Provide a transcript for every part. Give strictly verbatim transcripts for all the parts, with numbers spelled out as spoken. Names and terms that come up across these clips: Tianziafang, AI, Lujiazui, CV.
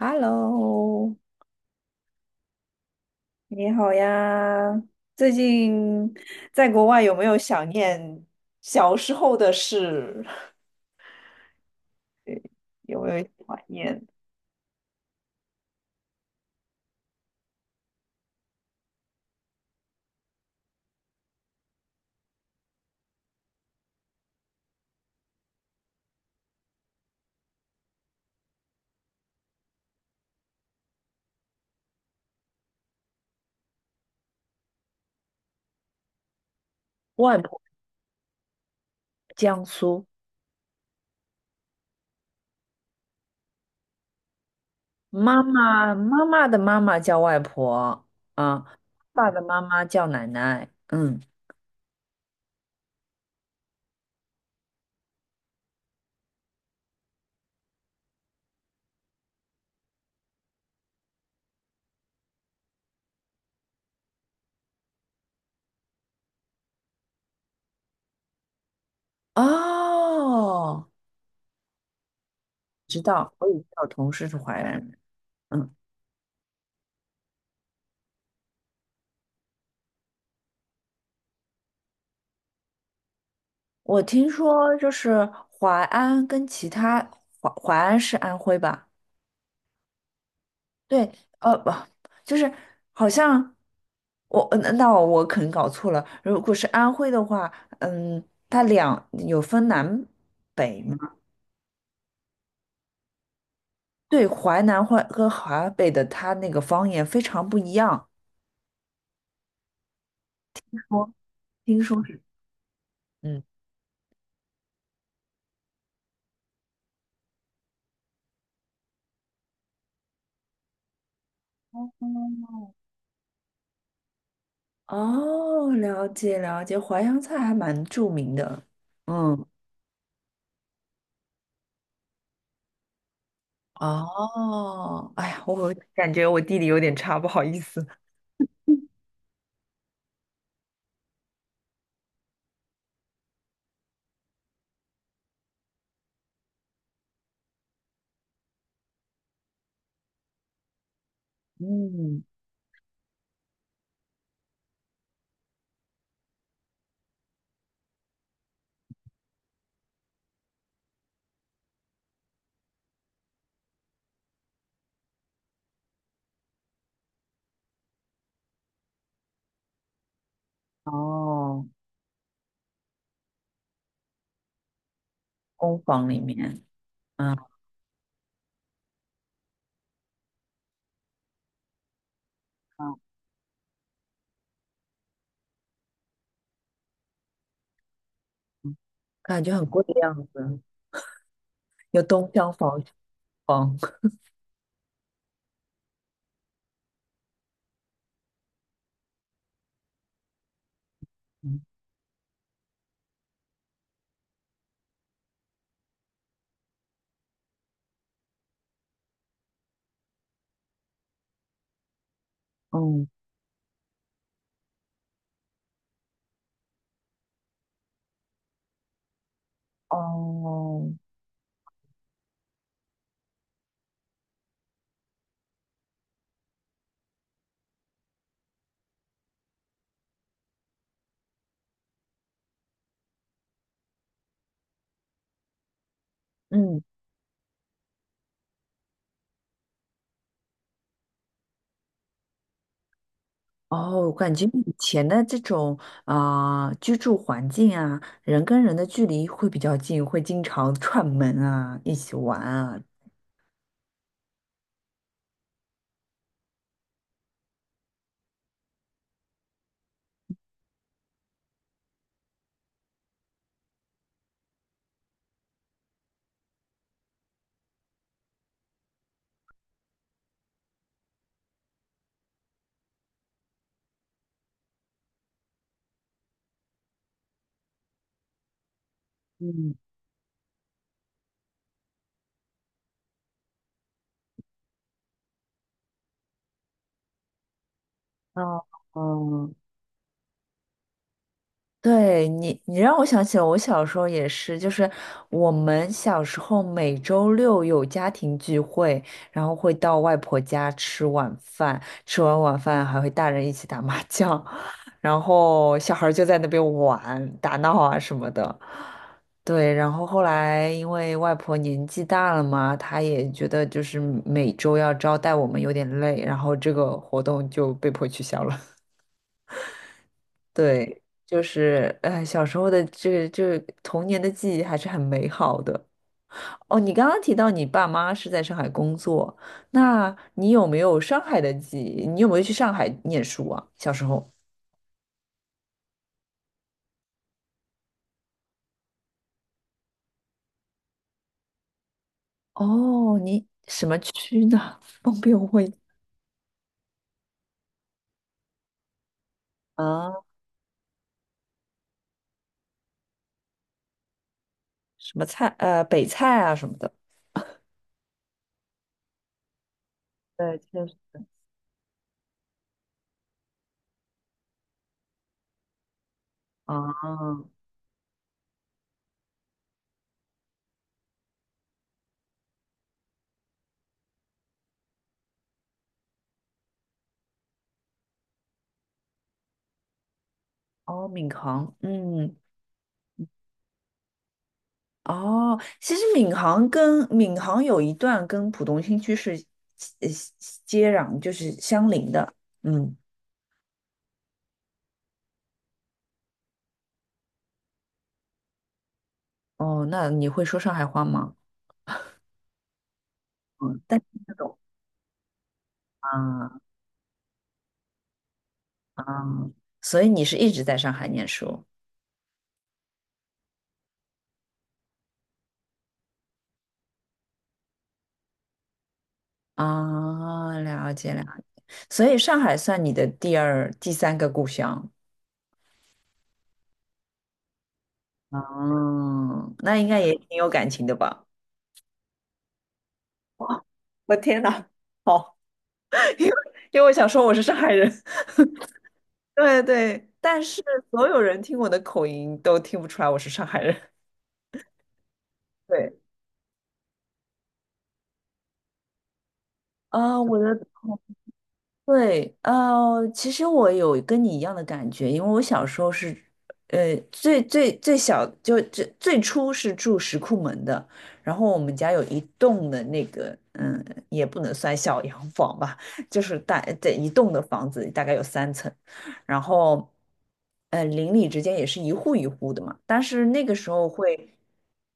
Hello，你好呀！最近在国外有没有想念小时候的事？有没有怀念？外婆，江苏，妈妈，妈妈的妈妈叫外婆啊，爸的妈妈叫奶奶。嗯，哦，知道，我以前有同事是淮安人。嗯，我听说就是淮安跟其他淮淮安是安徽吧？对，呃，不，就是好像我，呃那那我可能搞错了。如果是安徽的话，嗯，它两有分南北吗？对，淮南淮和华北的，它那个方言非常不一样。说听说是，嗯，哦，哦，了解了解，淮扬菜还蛮著名的。嗯，哦，哎呀，我感觉我地理有点差，不好意思。嗯，哦，工坊里面。嗯，感觉很贵的样子，有东厢房、西房。嗯，嗯，哦，嗯，哦，感觉以前的这种啊、呃居住环境啊，人跟人的距离会比较近，会经常串门啊，一起玩啊。嗯，哦，哦，对你，你让我想起了我小时候也是，就是我们小时候每周六有家庭聚会，然后会到外婆家吃晚饭，吃完晚饭还会大人一起打麻将，然后小孩儿就在那边玩、打闹啊什么的。对，然后后来因为外婆年纪大了嘛，她也觉得就是每周要招待我们有点累，然后这个活动就被迫取消了。对，就是哎，小时候的这个这个童年的记忆还是很美好的。哦，你刚刚提到你爸妈是在上海工作，那你有没有上海的记忆？你有没有去上海念书啊？小时候？哦，你什么区呢？方便问啊？什么菜？呃，北菜啊什么的。对，确实。啊，哦，闵行，嗯，哦，其实闵行跟闵行有一段跟浦东新区是呃接壤，就是相邻的。嗯，哦，那你会说上海话吗？嗯，但听不懂啊啊，所以你是一直在上海念书啊？了解了解，所以上海算你的第二、第三个故乡。嗯，那应该也挺有感情的吧？我天哪，好，因为我想说我是上海人。对对，但是所有人听我的口音都听不出来我是上海人。对，啊、我的同，对，呃，其实我有跟你一样的感觉，因为我小时候是，呃，最最最小就最最初是住石库门的，然后我们家有一栋的那个，嗯，也不能算小洋房吧，就是大，对，一栋的房子大概有三层。然后，呃，邻里之间也是一户一户的嘛。但是那个时候会，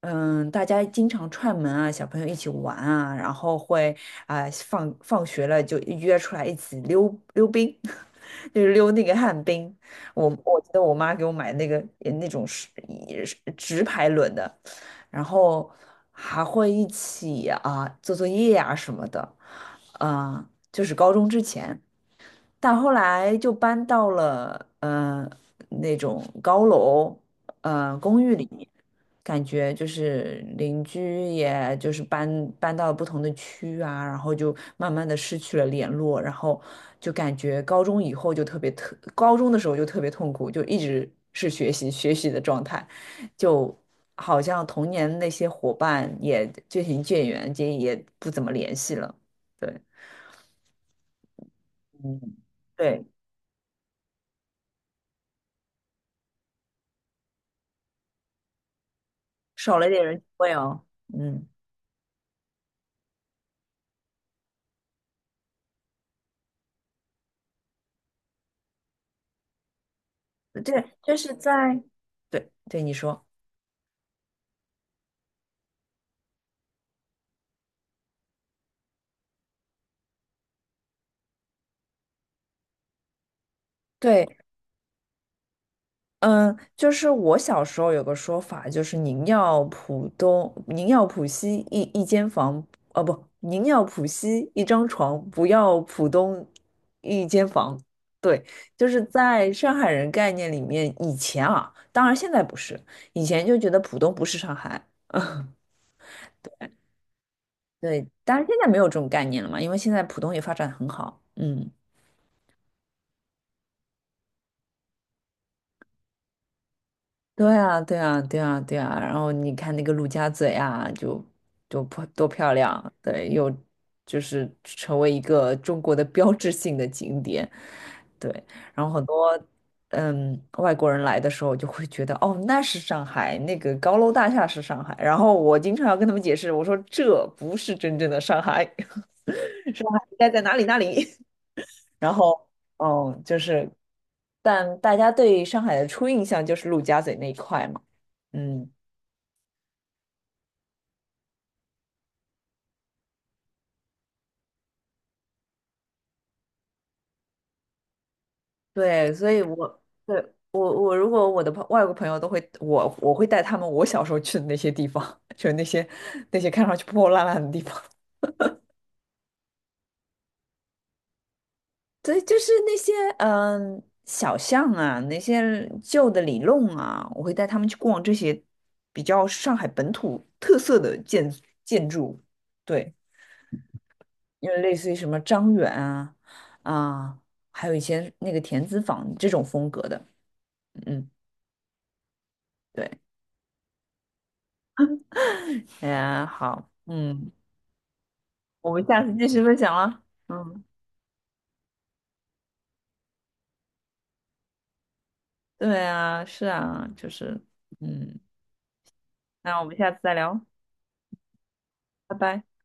嗯，大家经常串门啊，小朋友一起玩啊，然后会啊、放放学了就约出来一起溜溜冰，就是溜那个旱冰。我我记得我妈给我买那个呃那种是也是直排轮的，然后还会一起啊、做作业啊什么的，啊、就是高中之前。但后来就搬到了呃那种高楼呃公寓里面，感觉就是邻居也就是搬搬到了不同的区啊，然后就慢慢的失去了联络，然后就感觉高中以后就特别特，高中的时候就特别痛苦，就一直是学习学习的状态，就好像童年那些伙伴也渐行渐远，也也不怎么联系了。对。嗯，对，少了一点人情味哦。嗯，对，就是在，对对，你说，对，嗯，就是我小时候有个说法，就是宁要浦东，宁要浦西一一间房，哦不，宁要浦西一张床，不要浦东一间房。对，就是在上海人概念里面，以前啊，当然现在不是，以前就觉得浦东不是上海，对，当然现在没有这种概念了嘛，因为现在浦东也发展很好，嗯。对啊，对啊，对啊，对啊。然后你看那个陆家嘴啊，就就多漂多漂亮，对，又就是成为一个中国的标志性的景点，对。然后很多嗯外国人来的时候就会觉得，哦，那是上海，那个高楼大厦是上海。然后我经常要跟他们解释，我说这不是真正的上海，上海应该在哪里哪里。然后，嗯，就是，但大家对上海的初印象就是陆家嘴那一块嘛，嗯，对，所以我对我我如果我的朋外国朋友都会，我我会带他们我小时候去的那些地方，就是那些那些看上去破破烂烂的地方。对，就是那些嗯小巷啊，那些旧的里弄啊，我会带他们去逛这些比较上海本土特色的建建筑。对。因为类似于什么张远啊啊，还有一些那个田子坊这种风格的，嗯，对，哎呀，好，嗯，我们下次继续分享了，嗯，对啊，是啊，就是，嗯，那我们下次再聊，拜拜。